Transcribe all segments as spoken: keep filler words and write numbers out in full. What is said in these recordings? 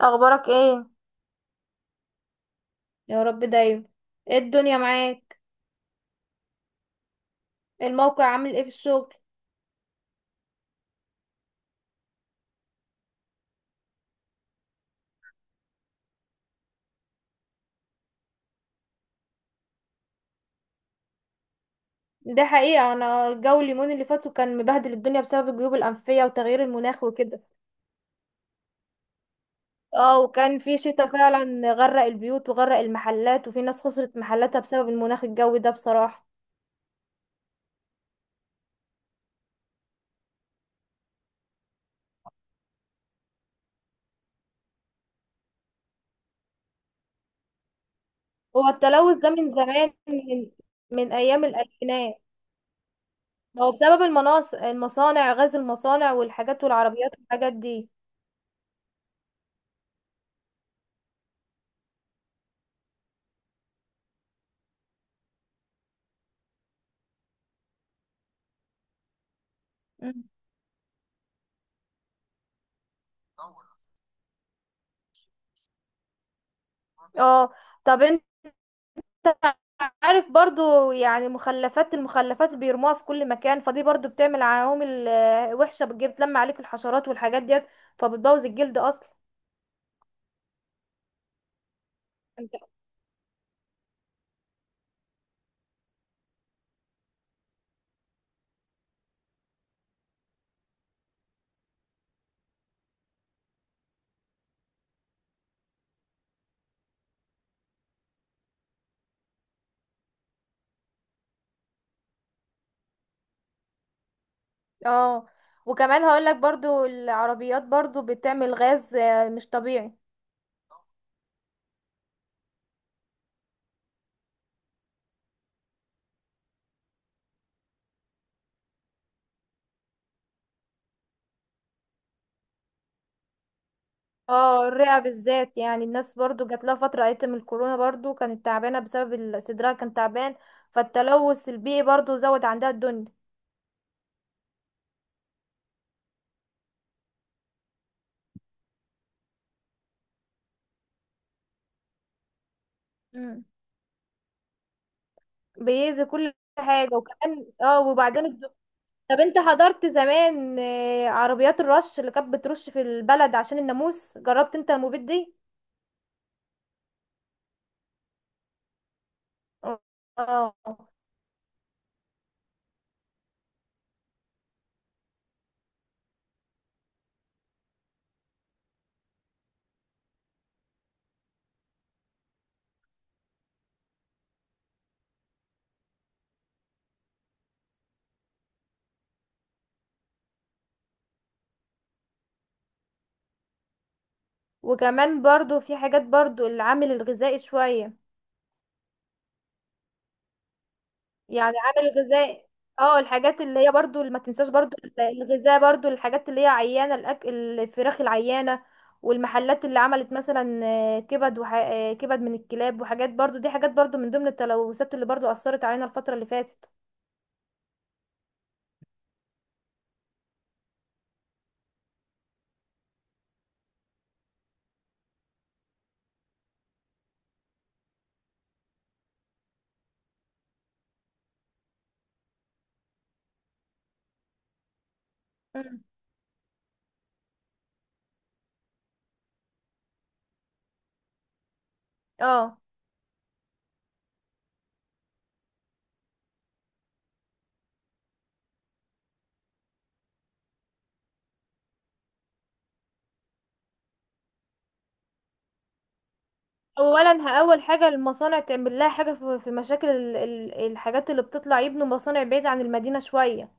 اخبارك ايه؟ يا رب دايما. ايه الدنيا معاك؟ الموقع عامل ايه في الشغل؟ ده حقيقة، انا الجو اليومين اللي فاتوا كان مبهدل الدنيا بسبب الجيوب الانفية وتغيير المناخ وكده. اه، وكان في شتاء فعلا غرق البيوت وغرق المحلات وفي ناس خسرت محلاتها بسبب المناخ الجوي ده بصراحة. هو التلوث ده من زمان، من, من ايام الالفينات. هو بسبب المناص المصانع، غاز المصانع والحاجات والعربيات والحاجات دي. مم. اه. طب، عارف برضو يعني مخلفات المخلفات بيرموها في كل مكان، فدي برضو بتعمل عوامل آه، وحشة، بتجيب بتلم عليك الحشرات والحاجات ديت، فبتبوظ الجلد اصلا. انت اه وكمان هقول لك برضو العربيات برضو بتعمل غاز آه، مش طبيعي. اه، الرئة بالذات يعني الناس برضو جات لها فترة ايتم الكورونا برضو كانت تعبانة بسبب ال- صدرها كان تعبان، فالتلوث البيئي برضو زود عندها الدنيا. مم. بيأذي كل حاجة وكمان اه وبعدين، طب انت حضرت زمان آه، عربيات الرش اللي كانت بترش في البلد عشان الناموس، جربت انت المبيد دي؟ اه، وكمان برضو في حاجات برضو العامل الغذائي شوية، يعني عامل غذائي. اه، الحاجات اللي هي برضو اللي ما تنساش برضو الغذاء، برضو الحاجات اللي هي عيانة، الأك... الفراخ العيانة والمحلات اللي عملت مثلا آه، كبد وح... آه، كبد من الكلاب وحاجات، برضو دي حاجات برضو من ضمن التلوثات اللي برضو أثرت علينا الفترة اللي فاتت. مم. اه. اولا ه- اول حاجه المصانع تعمل لها حاجه في في مشاكل ال- ال- الحاجات اللي بتطلع، يبنوا مصانع بعيد عن المدينه شويه.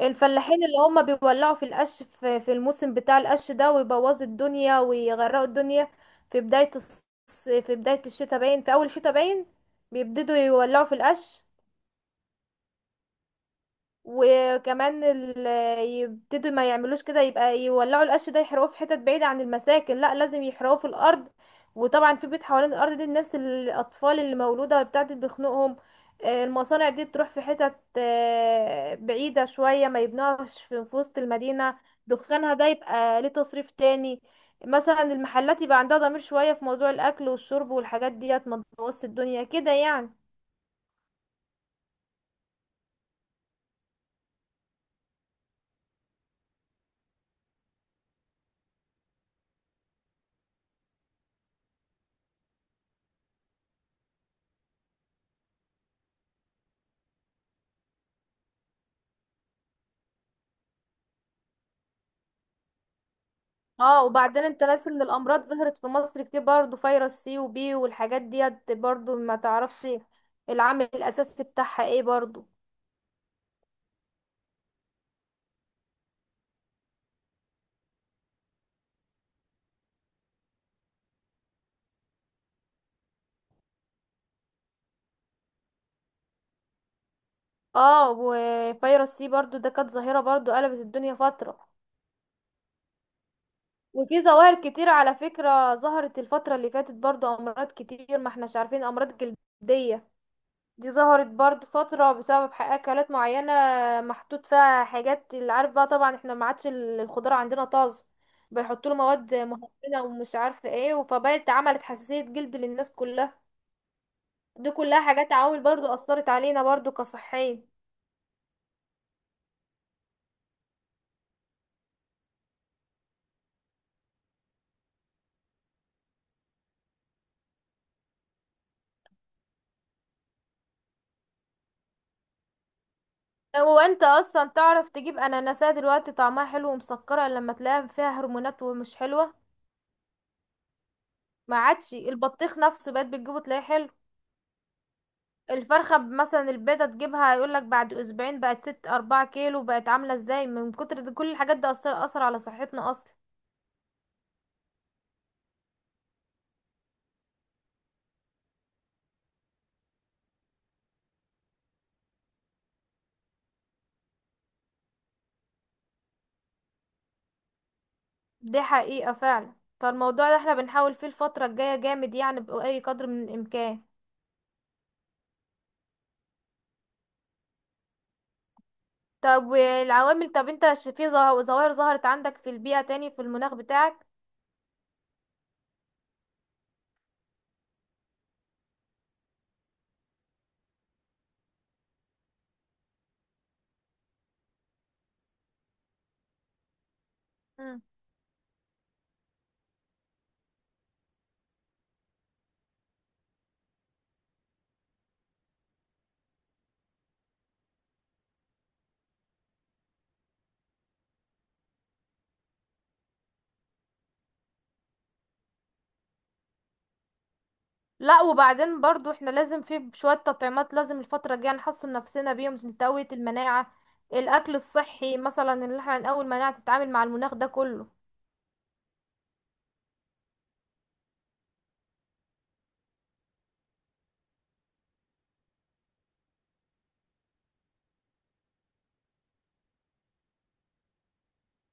الفلاحين اللي هم بيولعوا في القش في في الموسم بتاع القش ده ويبوظوا الدنيا ويغرقوا الدنيا في بدايه الص- في بدايه الشتاء باين، في اول الشتاء باين بيبتدوا يولعوا في القش. وكمان ال- يبتدوا ما يعملوش كده، يبقى يولعوا القش ده يحرقوه في حتت بعيدة عن المساكن، لا لازم يحرقوه في الأرض، وطبعا في بيت حوالين الأرض دي الناس الأطفال اللي مولودة بتاعت بيخنقهم. آه، المصانع دي تروح في حتت آه، بعيدة شوية ما يبنوهاش في في وسط المدينة، دخانها ده يبقى ليه تصريف تاني. مثلا المحلات يبقى عندها ضمير شوية في موضوع الأكل والشرب والحاجات ديت، ما تبوظش الدنيا كده يعني. اه وبعدين انت ناسي ان الامراض ظهرت في مصر كتير برضو، فيروس سي وبي والحاجات ديت برضو ما تعرفش العامل الاساسي بتاعها ايه برضو. اه، وفيروس سي برضو ده كانت ظاهرة برضو قلبت الدنيا فترة. وفي ظواهر كتير على فكرة ظهرت الفترة اللي فاتت، برضو امراض كتير ما احناش عارفين، امراض جلدية دي ظهرت برضو فترة بسبب ح- أكلات معينة محطوط فيها حاجات اللي عارف بقى، طبعا احنا ما عادش ال- الخضار عندنا طازة، بيحطوا له مواد مهدرجة ومش عارفة ايه، فبقت عملت حساسية جلد للناس كلها. دي كلها حاجات عوامل برضو أثرت علينا برضو كصحيين. هو انت اصلا تعرف تجيب اناناسات دلوقتي طعمها حلو ومسكرة؟ إلا لما تلاقيها فيها هرمونات ومش حلوة. ما عادش البطيخ نفسه، بقت بتجيبه تلاقيه حلو. الفرخة ب- مثلا البيضة تجيبها، يقولك بعد أسبوعين بقت ست أربعة كيلو، بقت عاملة ازاي من كتر دي؟ كل الحاجات دي أثر أثر على صحتنا أصلا. دي حقيقة فعلا، فالموضوع ده احنا بنحاول فيه الفترة الجاية جامد يعني بأي قدر من الإمكان. طب والعوامل طب انت ش- في ظه- ظواهر ظهرت عندك في البيئة تاني في المناخ بتاعك؟ مم. لا وبعدين برضو احنا لازم في شوية تطعيمات، لازم الفترة الجاية نحصن نفسنا بيهم عشان تقوية المناعة. الأكل الصحي مثلا اللي احنا نقوي المناعة تتعامل مع المناخ ده كله.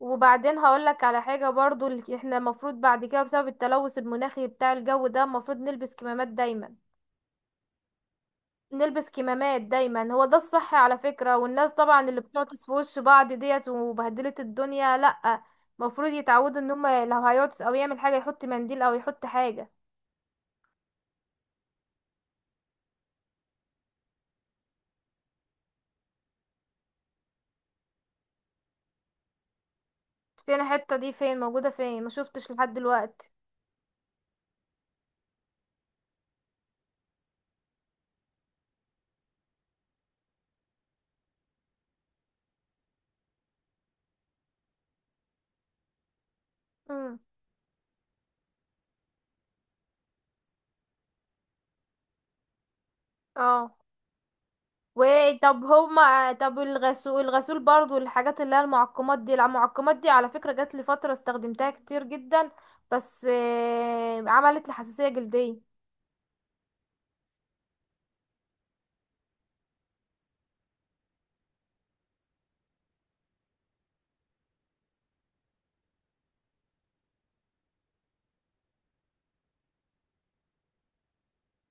وبعدين هقولك على حاجة برضو، ال- احنا المفروض بعد كده بسبب التلوث المناخي بتاع الجو ده المفروض نلبس كمامات دايما. نلبس كمامات دايما، هو ده الصح على فكرة، والناس طبعا اللي بتعطس في وش بعض ديت وبهدلت الدنيا لأ. المفروض يتعودوا ان هما لو هيعطس او يعمل حاجة يحط منديل او يحط حاجة. فين الحتة دي؟ فين موجودة؟ فين ما شفتش لحد دلوقتي. امم. اه. وطب هما طب الغسول، الغسول برضو الحاجات اللي هي المعقمات دي، المعقمات دي على فكرة جات لي فترة استخدمتها كتير جدا، بس آه، عملت لي حساسية جلدية.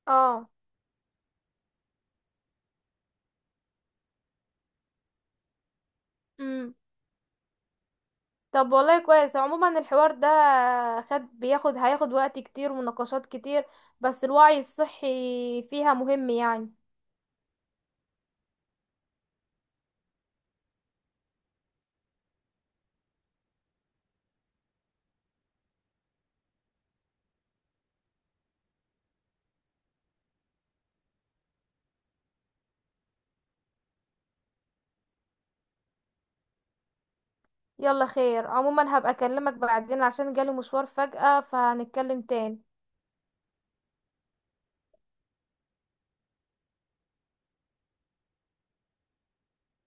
اه. امم. طب والله كويس عموما، الحوار ده خد بياخد هياخد وقت كتير ومناقشات كتير، بس الوعي الصحي فيها مهم يعني. يلا خير عموما، هبقى اكلمك بعدين عشان جالي مشوار فجأة، فهنتكلم تاني.